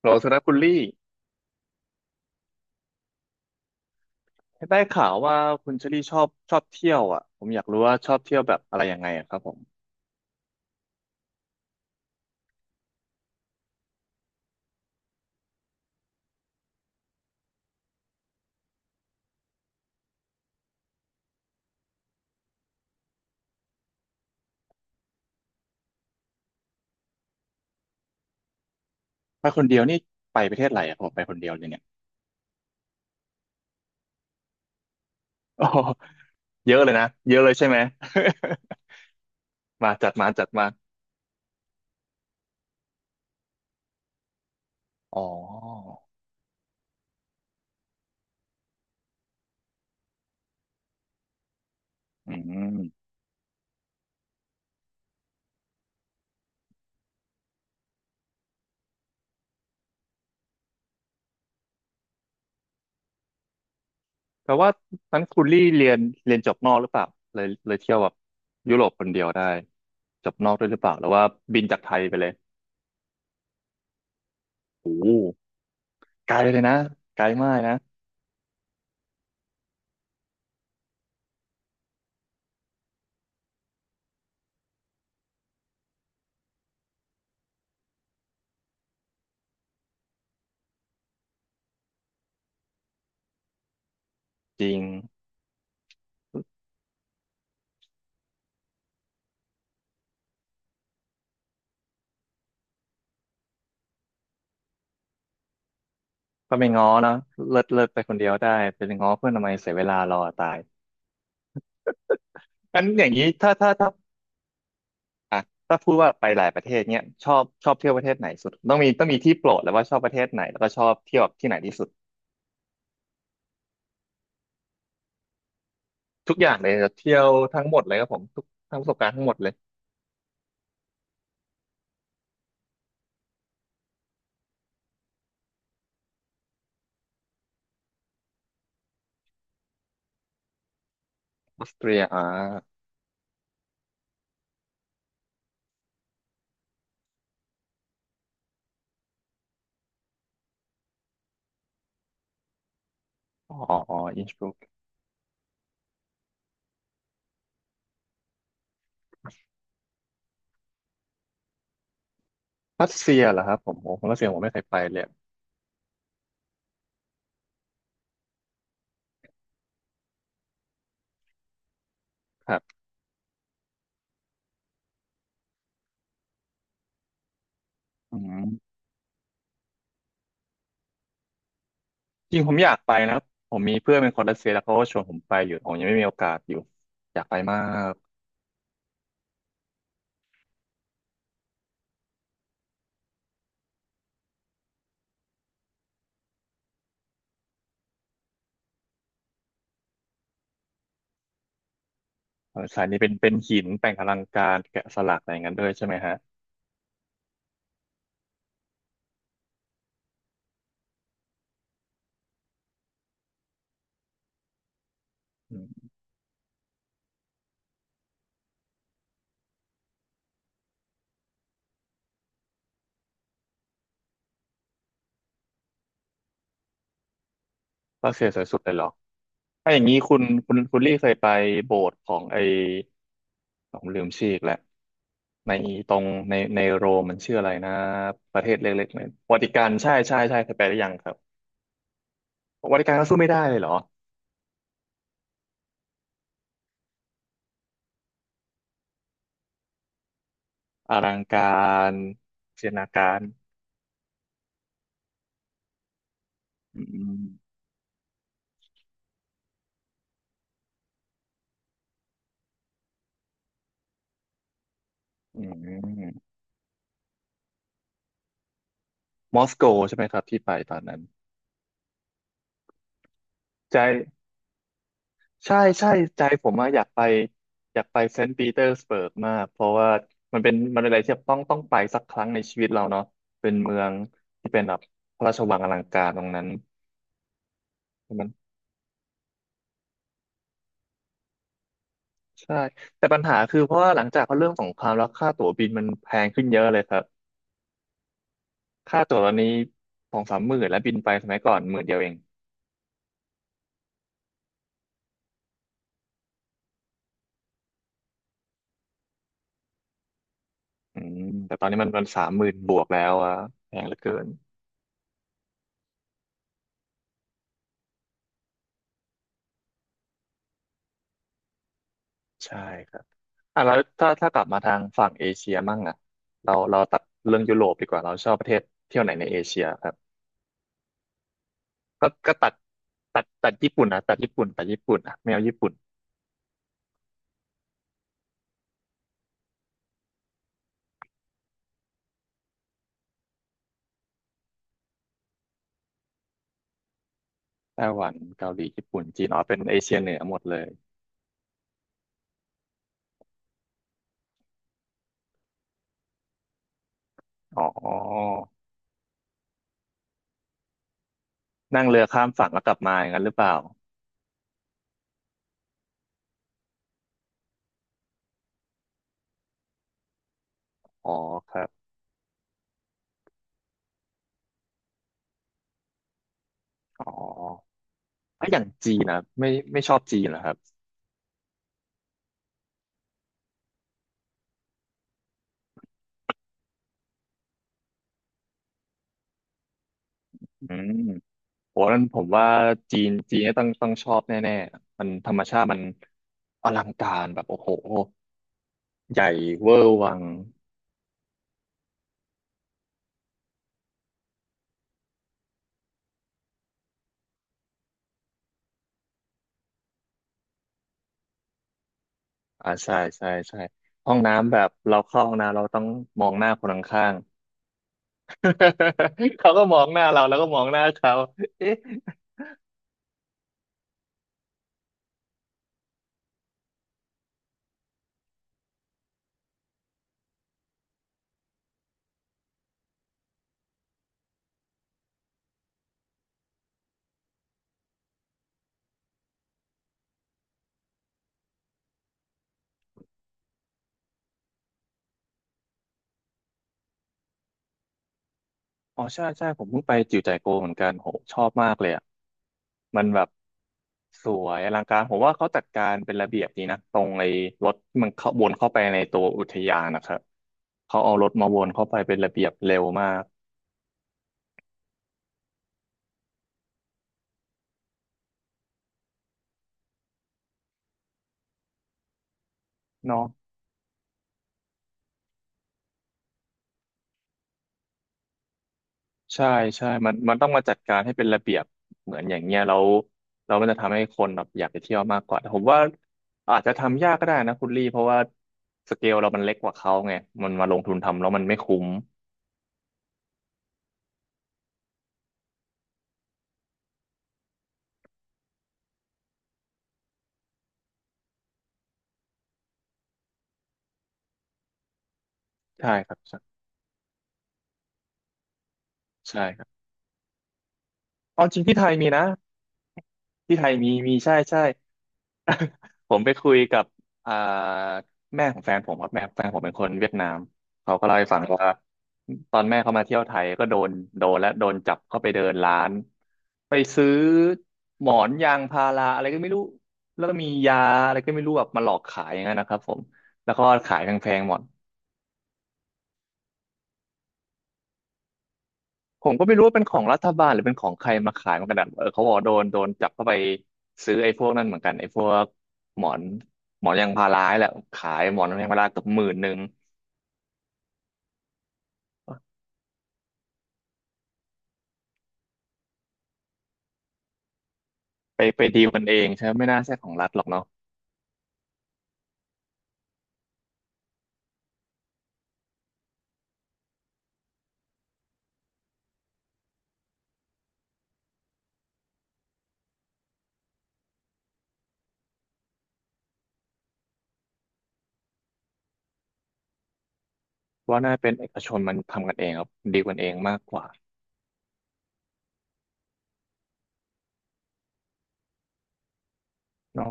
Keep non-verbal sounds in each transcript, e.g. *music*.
โหลสำหรับคุณลี่ได้ข่าวว่าคุณเชอรี่ชอบเที่ยวอ่ะผมอยากรู้ว่าชอบเที่ยวแบบอะไรยังไงอะครับผมไปคนเดียวนี่ไปประเทศอะไรอะผมไปคนเดียวเลยเนี่ย *laughs* โอ้โหเยอะเลยนะเยอะเลยใช่ไหม *laughs* มาจัดมาอ๋ออืมแต่ว่านั้นคุณลี่เรียนจบนอกหรือเปล่าเลยเที่ยวแบบยุโรปคนเดียวได้จบนอกด้วยหรือเปล่าหรือว่าบินจากไทยไปเลยโอ้โหไกลเลยนะไกลมากนะจริง ก็ไปง้อเนอะเลิศเลิศไปคนเดียวได้ไปง้อเพื่อนทำไมเสียเวลารอตายอันอย่างนี้ถ้าอ่ะถ้าพูดว่าไปหลายประเทศเนี้ยชอบเที่ยวประเทศไหนสุดต้องมีที่โปรดแล้วว่าชอบประเทศไหนแล้วก็ชอบเที่ยวที่ไหนที่สุดทุกอย่างเลยจะเที่ยวทั้งหมดเลยครับผมทุกทั้งประสบการณ์ทั้งหมดเลยออสเตรียอ่าอ๋ออ๋ออินสบรุกรัสเซียเหรอครับผมโอ้ผรัสเซียผมไม่เคยไปเลยครับอืมจริงผมอยากไปนะผมมีเพื่อนเป็นคนรัสเซียแล้วเขาก็ชวนผมไปอยู่ผมยังไม่มีโอกาสอยู่อยากไปมาก เออสายนี้เป็นหินแต่งอลังการแกะสลักอะไรอย่างนั้นด้วยใช่ไหมฮะอืมรัสเซียสวยสุดเลยเหรอถ้าอย่างนี้คุณลี่เคยไปโบสถ์ของไอ้ผมลืมชื่ออีกแล้วในตรงในโรมมันชื่ออะไรนะประเทศเล็กๆเนี่ยวาติกันใช่เคยไปหรือยังครับวาติกันก็สู้ไม่ได้เลยเหรออลังการเสียนาการอืมอืมมอสโกใช่ไหมครับที่ไปตอนนั้นใจ ใช่ใจผมอะอยากไปอยากไปเซนต์ปีเตอร์สเบิร์กมากเพราะว่ามันเป็นอะไรที่ต้องไปสักครั้งในชีวิตเราเนาะเป็นเมืองที่เป็นแบบพระราชวังอลังการตรงนั้นมันใช่แต่ปัญหาคือเพราะว่าหลังจากเขาเรื่องสงครามแล้วค่าตั๋วบินมันแพงขึ้นเยอะเลยครับค่าตั๋วตอนนี้สองสามหมื่นแล้วบินไปสมัยก่อนหมื่นเดียวเองอืมแต่ตอนนี้มันสามหมื่นบวกแล้วอะแพงเหลือเกินใช่ครับ อ่ะแล้วถ้ากลับมาทางฝั่งเอเชียมั่งอ่ะเราตัดเรื่องยุโรปดีกว่าเราชอบประเทศเที่ยวไหนในเอเชียครับก็ตัดญี่ปุ่นนะตัดญี่ปุ่นอ่ะไม่เอาญี่ปุ่นไต้หวันเกาหลีญี่ปุ่นจีนอ๋อเป็นเอเชียเหนือหมดเลยอ๋อนั่งเรือข้ามฝั่งแล้วกลับมาอย่างนั้นหรือเปล่าอ๋อครับอ๋อถ้าอย่างจีนนะไม่ชอบจีนเหรอครับอืมโหนั้นผมว่าจีนเนี่ยต้องชอบแน่ๆมันธรรมชาติมันอลังการแบบโอ้โห ใหญ่เวอร์วังอ่าใช่ห้องน้ำแบบเราเข้าห้องน้ำเราต้องมองหน้าคนข้างๆ *laughs* เขาก็มองหน้าเราแล้วก็มองหน้าเขาเอ๊ะอ๋อใช่ผมเพิ่งไปจิ๋วจ่ายโกวเหมือนกันโหชอบมากเลยอ่ะมันแบบสวยอลังการผมว่าเขาจัดการเป็นระเบียบดีนะตรงไอ้รถที่มันเข้าวนเข้าไปในตัวอุทยานนะครับเขาเอารถมาวนเข้าไปเป็นระเบียบเร็วมากเนาะ ใช่ใช่มันต้องมาจัดการให้เป็นระเบียบเหมือนอย่างเงี้ยแล้วมันจะทำให้คนแบบอยากไปเที่ยวมากกว่าแต่ผมว่าอาจจะทำยากก็ได้นะคุณลี่เพราะว่าสเกลเรามันเล็กกว่าเขาไงมันมาลงทุนทำแล้วมันไม่คุ้มใช่ครับใช่ใช่ครับเอาจริงที่ไทยมีนะที่ไทยมีมีใช่ *laughs* ผมไปคุยกับอ่าแม่ของแฟนผมครับแม่แฟนผมเป็นคนเวียดนามเขาก็เล่าให้ฟังว่าตอนแม่เขามาเที่ยวไทยก็โดนโดนและโดนจับเข้าไปเดินร้านไปซื้อหมอนยางพาราอะไรก็ไม่รู้แล้วก็มียาอะไรก็ไม่รู้แบบมาหลอกขายอย่างนั้นนะครับผมแล้วก็ขายแพงๆหมด ผมก็ไม่รู้ว่าเป็นของรัฐบาลหรือเป็นของใครมาขายเหมือนกันนะเออเขาบอกว่าโดนจับเข้าไปซื้อไอ้พวกนั่นเหมือนกันไอ้พวกหมอนหมอนยางพาราให้แหละขายหมอนยางพาราเกือบหมื่นหนึ่งไปดีลกันเองใช่ไหมไม่น่าใช่ของรัฐหรอกเนาะเพราะว่าน่าเป็นเอกชนมันทำกันเองครับดีลกันเองมากกว่าเนาะ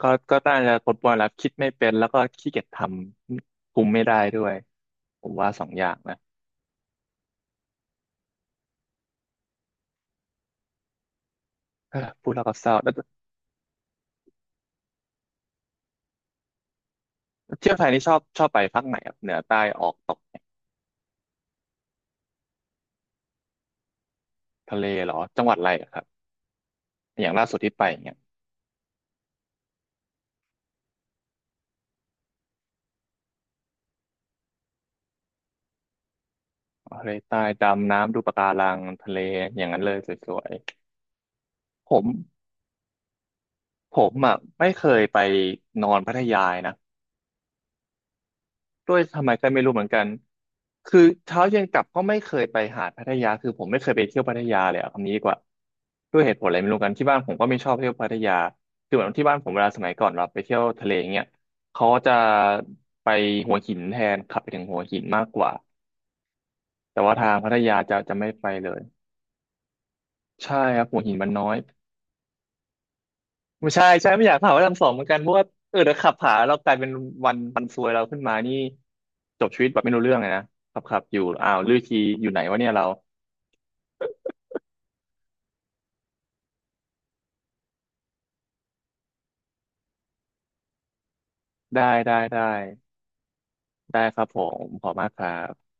ก็น่าจะปนแล้วคิดไม่เป็นแล้วก็ขี้เกียจทำคุมไม่ได้ด้วยผมว่าสองอย่างนะเออพูดแล้วก็เศร้าแล้วเที่ยวไทยนี่ชอบไปภาคไหนครับเหนือใต้ออกตกเนี่ยทะเลเหรอจังหวัดอะไรอะครับ อย่างล่าสุดที่ไปเนี่ยทะเลใต้ดำน้ำดูปะการังทะเลอย่างนั้นเลยสวยๆผมอ่ะไม่เคยไปนอนพัทยานะด้วยทำไมก็ไม่รู้เหมือนกันคือเช้าเย็นกลับก็ไม่เคยไปหาดพัทยาคือผมไม่เคยไปเที่ยวพัทยาเลยอะคำนี้ดีกว่าด้วยเหตุผลอะไรไม่รู้กันที่บ้านผมก็ไม่ชอบเที่ยวพัทยาคือเหมือนที่บ้านผมเวลาสมัยก่อนเราไปเที่ยวทะเลเงี้ยเขาจะไปหัวหินแทนขับไปถึงหัวหินมากกว่าแต่ว่าทางพัทยาจะไม่ไปเลยใช่ครับหัวหินมันน้อย ไม่ใช่ใช่ไม่อยากถามว่าทำสองเหมือนกันเพราะว่าเออเดี๋ยวขับผาเรากลายเป็นวันซวยเราขึ้นมานี่จบชีวิตแบบไม่รู้เรื่องเลยนะขับอยู่อ้าวลือทีอยู่ไหนวะเนี่ยเราได้ได้ครับผมขอบมากครับ